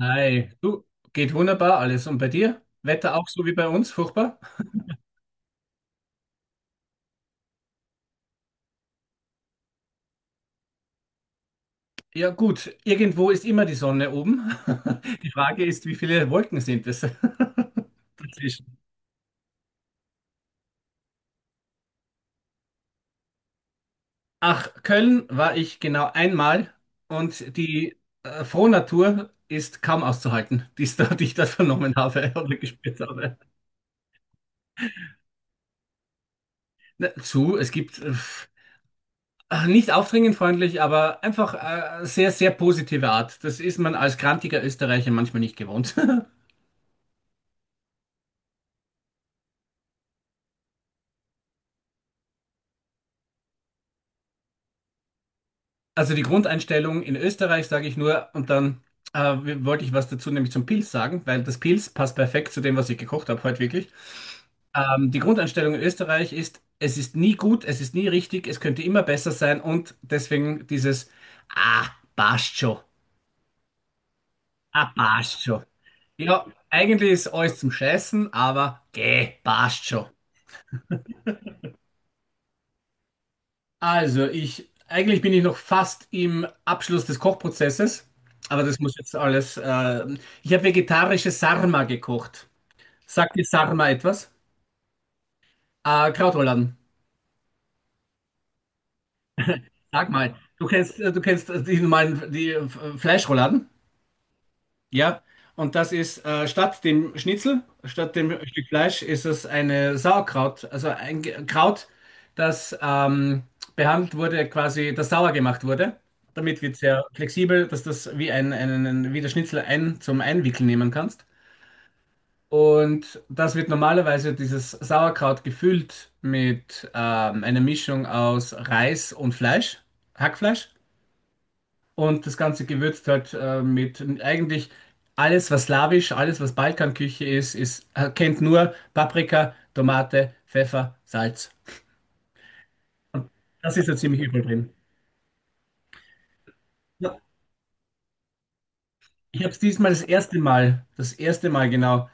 Hi, du, geht wunderbar alles. Und bei dir? Wetter auch so wie bei uns, furchtbar? Ja, gut, irgendwo ist immer die Sonne oben. Die Frage ist, wie viele Wolken sind es dazwischen? Ach, Köln war ich genau einmal und die Frohnatur ist kaum auszuhalten, die ich da, die ich da vernommen habe oder gespürt habe. Na, zu, es gibt ach, nicht aufdringend freundlich, aber einfach sehr, sehr positive Art. Das ist man als grantiger Österreicher manchmal nicht gewohnt. Also die Grundeinstellung in Österreich sage ich nur und dann äh, wollte ich was dazu nämlich zum Pilz sagen, weil das Pilz passt perfekt zu dem, was ich gekocht habe heute wirklich. Die Grundeinstellung in Österreich ist, es ist nie gut, es ist nie richtig, es könnte immer besser sein und deswegen dieses Ah, passt schon, ah, passt schon. Ja, eigentlich ist alles zum Scheißen, aber geh, passt schon. Also, ich eigentlich bin ich noch fast im Abschluss des Kochprozesses, aber das muss jetzt alles. Ich habe vegetarische Sarma gekocht. Sagt dir Sarma etwas? Krautrouladen. Sag mal, du kennst die normalen die Fleischrouladen? Ja, und das ist statt dem Schnitzel, statt dem Stück Fleisch, ist es eine Sauerkraut, also ein Kraut, das behandelt wurde, quasi, das sauer gemacht wurde. Damit wird es sehr flexibel, dass das wie ein, einen, wie der Schnitzel ein, zum Einwickeln nehmen kannst. Und das wird normalerweise dieses Sauerkraut gefüllt mit einer Mischung aus Reis und Fleisch, Hackfleisch. Und das Ganze gewürzt halt mit eigentlich alles, was slawisch, alles, was Balkanküche ist, kennt nur Paprika, Tomate, Pfeffer, Salz. Und das ist ja ziemlich übel drin. Ja. Ich habe es diesmal das erste Mal genau.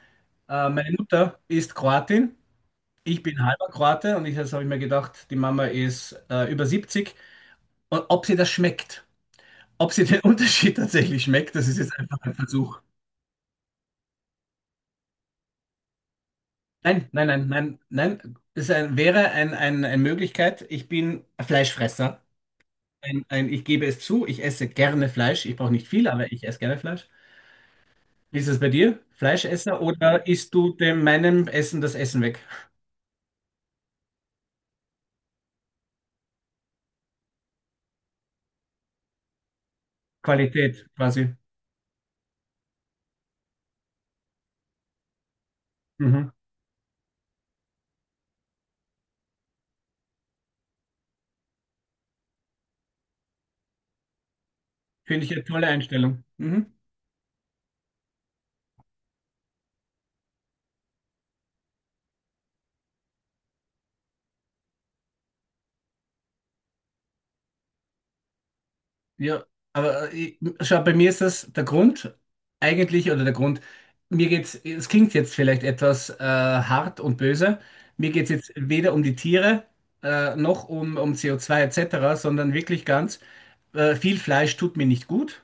Meine Mutter ist Kroatin, ich bin halber Kroate und ich, das habe ich mir gedacht, die Mama ist über 70. Und ob sie das schmeckt, ob sie den Unterschied tatsächlich schmeckt, das ist jetzt einfach ein Versuch. Nein, nein, nein, nein, nein. Es ein, wäre ein, eine Möglichkeit. Ich bin ein Fleischfresser. Ich gebe es zu, ich esse gerne Fleisch. Ich brauche nicht viel, aber ich esse gerne Fleisch. Wie ist es bei dir? Fleischesser oder isst du dem meinem Essen das Essen weg? Qualität quasi. Mhm. Finde ich eine tolle Einstellung. Mhm. Ja, aber ich, schau, bei mir ist das der Grund eigentlich, oder der Grund, mir geht's, es klingt jetzt vielleicht etwas hart und böse, mir geht's jetzt weder um die Tiere noch um, CO2 etc., sondern wirklich ganz, viel Fleisch tut mir nicht gut,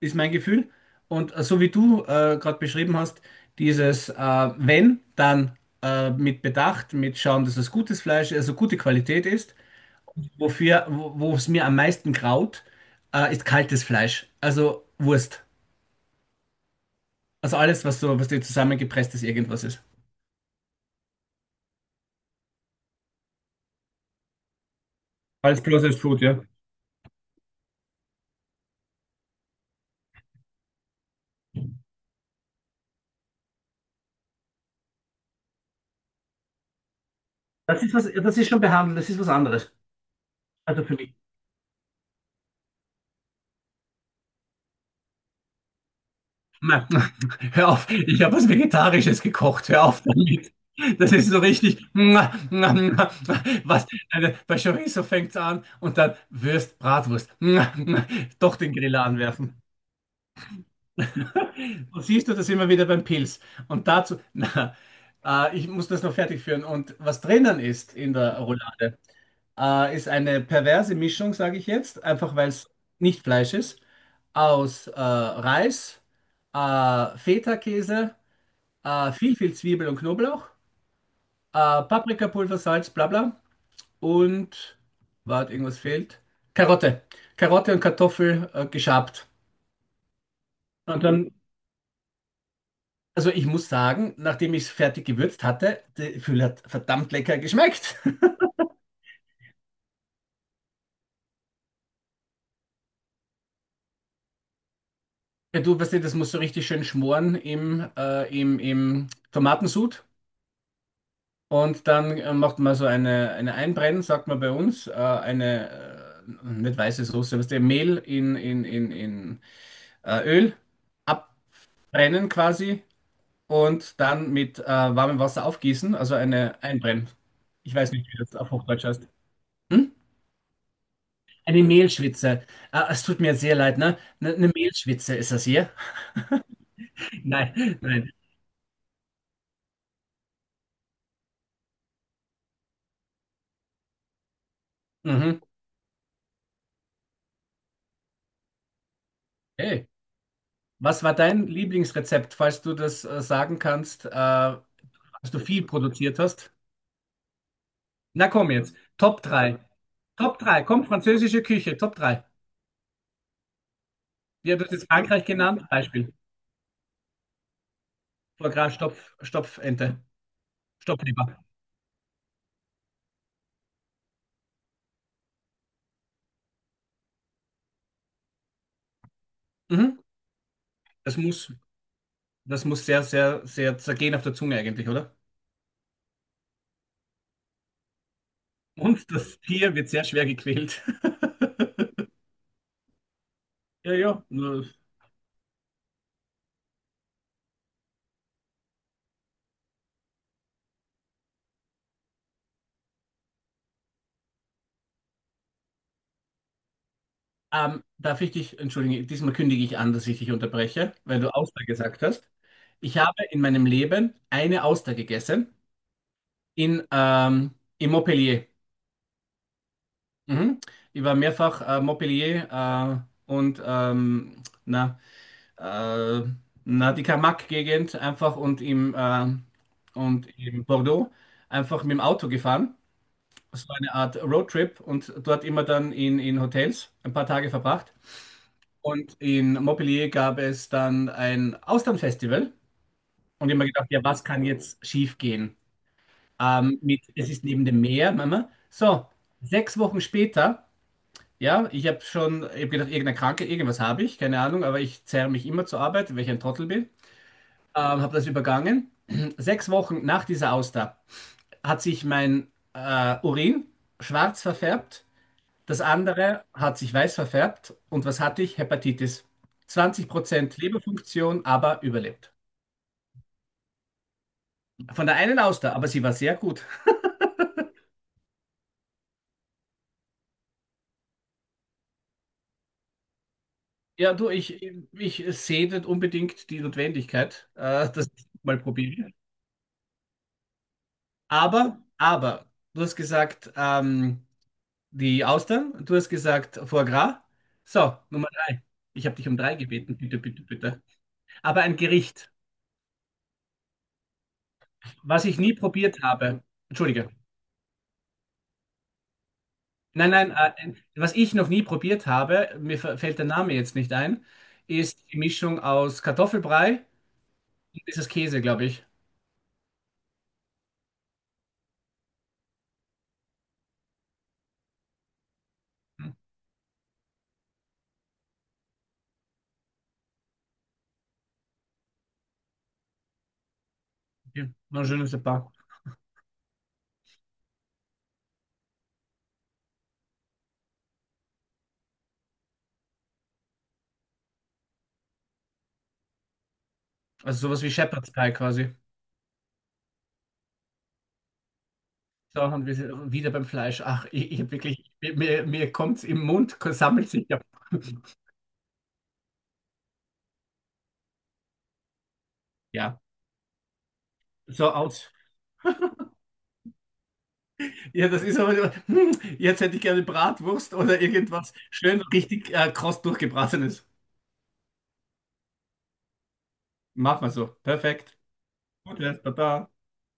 ist mein Gefühl. Und so wie du gerade beschrieben hast, dieses wenn, dann mit Bedacht, mit schauen, dass es gutes Fleisch, also gute Qualität ist. Wofür, wo es mir am meisten graut, ist kaltes Fleisch. Also Wurst. Also alles, was so, was dir zusammengepresst ist, irgendwas ist. Alles bloß als Food, ja. Das ist was, das ist schon behandelt, das ist was anderes. Also für mich. Na, hör auf, ich habe was Vegetarisches gekocht. Hör auf damit. Das ist so richtig. Was? Also, bei Chorizo fängt's an und dann Bratwurst. Doch den Griller anwerfen. Und siehst du das immer wieder beim Pilz. Und dazu, na, ich muss das noch fertig führen. Und was drinnen ist in der Roulade, ist eine perverse Mischung, sage ich jetzt, einfach weil es nicht Fleisch ist, aus Reis, Feta-Käse, viel, viel Zwiebel und Knoblauch, Paprikapulver, Salz, bla bla. Und, warte, irgendwas fehlt. Karotte. Karotte und Kartoffel geschabt. Und dann Also ich muss sagen, nachdem ich es fertig gewürzt hatte, der Füll hat verdammt lecker geschmeckt. Ja, du weißt ja, das muss so richtig schön schmoren im Tomatensud. Und dann macht man so eine Einbrennen, sagt man bei uns, eine nicht weiße Soße, was der Mehl in Öl abbrennen quasi und dann mit warmem Wasser aufgießen, also eine Einbrennen. Ich weiß nicht, wie das auf Hochdeutsch heißt. Hm? Eine Mehlschwitze. Ah, es tut mir sehr leid, ne? Eine Mehlschwitze ist das hier? Nein, nein. Mhm. Hey, was war dein Lieblingsrezept, falls du das sagen kannst, als du viel produziert hast? Na komm jetzt, Top 3. Top 3. Komm, französische Küche, Top 3. Wie hat das jetzt Frankreich genannt? Beispiel. Foie Gras, Stopfente, Stopfleber. Mhm. Das muss, das muss sehr, sehr, sehr zergehen auf der Zunge eigentlich, oder? Und das Tier wird sehr schwer gequält. Ja, ja. Darf ich dich, entschuldige, diesmal kündige ich an, dass ich dich unterbreche, weil du Auster gesagt hast. Ich habe in meinem Leben eine Auster gegessen in Montpellier. Mhm. Ich war mehrfach Montpellier und äh, na, die Camargue-Gegend einfach und und im Bordeaux einfach mit dem Auto gefahren. Das war eine Art Roadtrip und dort immer dann in Hotels ein paar Tage verbracht. Und in Montpellier gab es dann ein Austernfestival. Und ich habe mir gedacht, ja, was kann jetzt schief gehen? Es ist neben dem Meer, Mama. So, 6 Wochen später, ja, ich habe schon, ich habe gedacht, irgendeine Krankheit, irgendwas habe ich, keine Ahnung, aber ich zerre mich immer zur Arbeit, weil ich ein Trottel bin. Habe das übergangen. 6 Wochen nach dieser Auster hat sich mein Urin schwarz verfärbt. Das andere hat sich weiß verfärbt. Und was hatte ich? Hepatitis. 20% Leberfunktion, aber überlebt. Von der einen Auster, aber sie war sehr gut. Ja, du, ich sehe nicht unbedingt die Notwendigkeit, dass ich mal probiere. Aber, du hast gesagt, die Austern, du hast gesagt, Foie Gras. So, Nummer drei. Ich habe dich um drei gebeten, bitte, bitte, bitte. Aber ein Gericht, was ich nie probiert habe. Entschuldige. Nein, nein, was ich noch nie probiert habe, mir fällt der Name jetzt nicht ein, ist die Mischung aus Kartoffelbrei und dieses Käse, glaube ich. Okay. Noch ein schönes Paar. Also sowas wie Shepherd's Pie quasi. So, und wir sind wieder beim Fleisch. Ach, ich hab wirklich, mir kommt's im Mund, sammelt sich ja. Ja, so aus. Ja, das ist aber, so, jetzt hätte ich gerne Bratwurst oder irgendwas schön richtig kross durchgebratenes. Mach mal so. Perfekt. Gutes, Baba.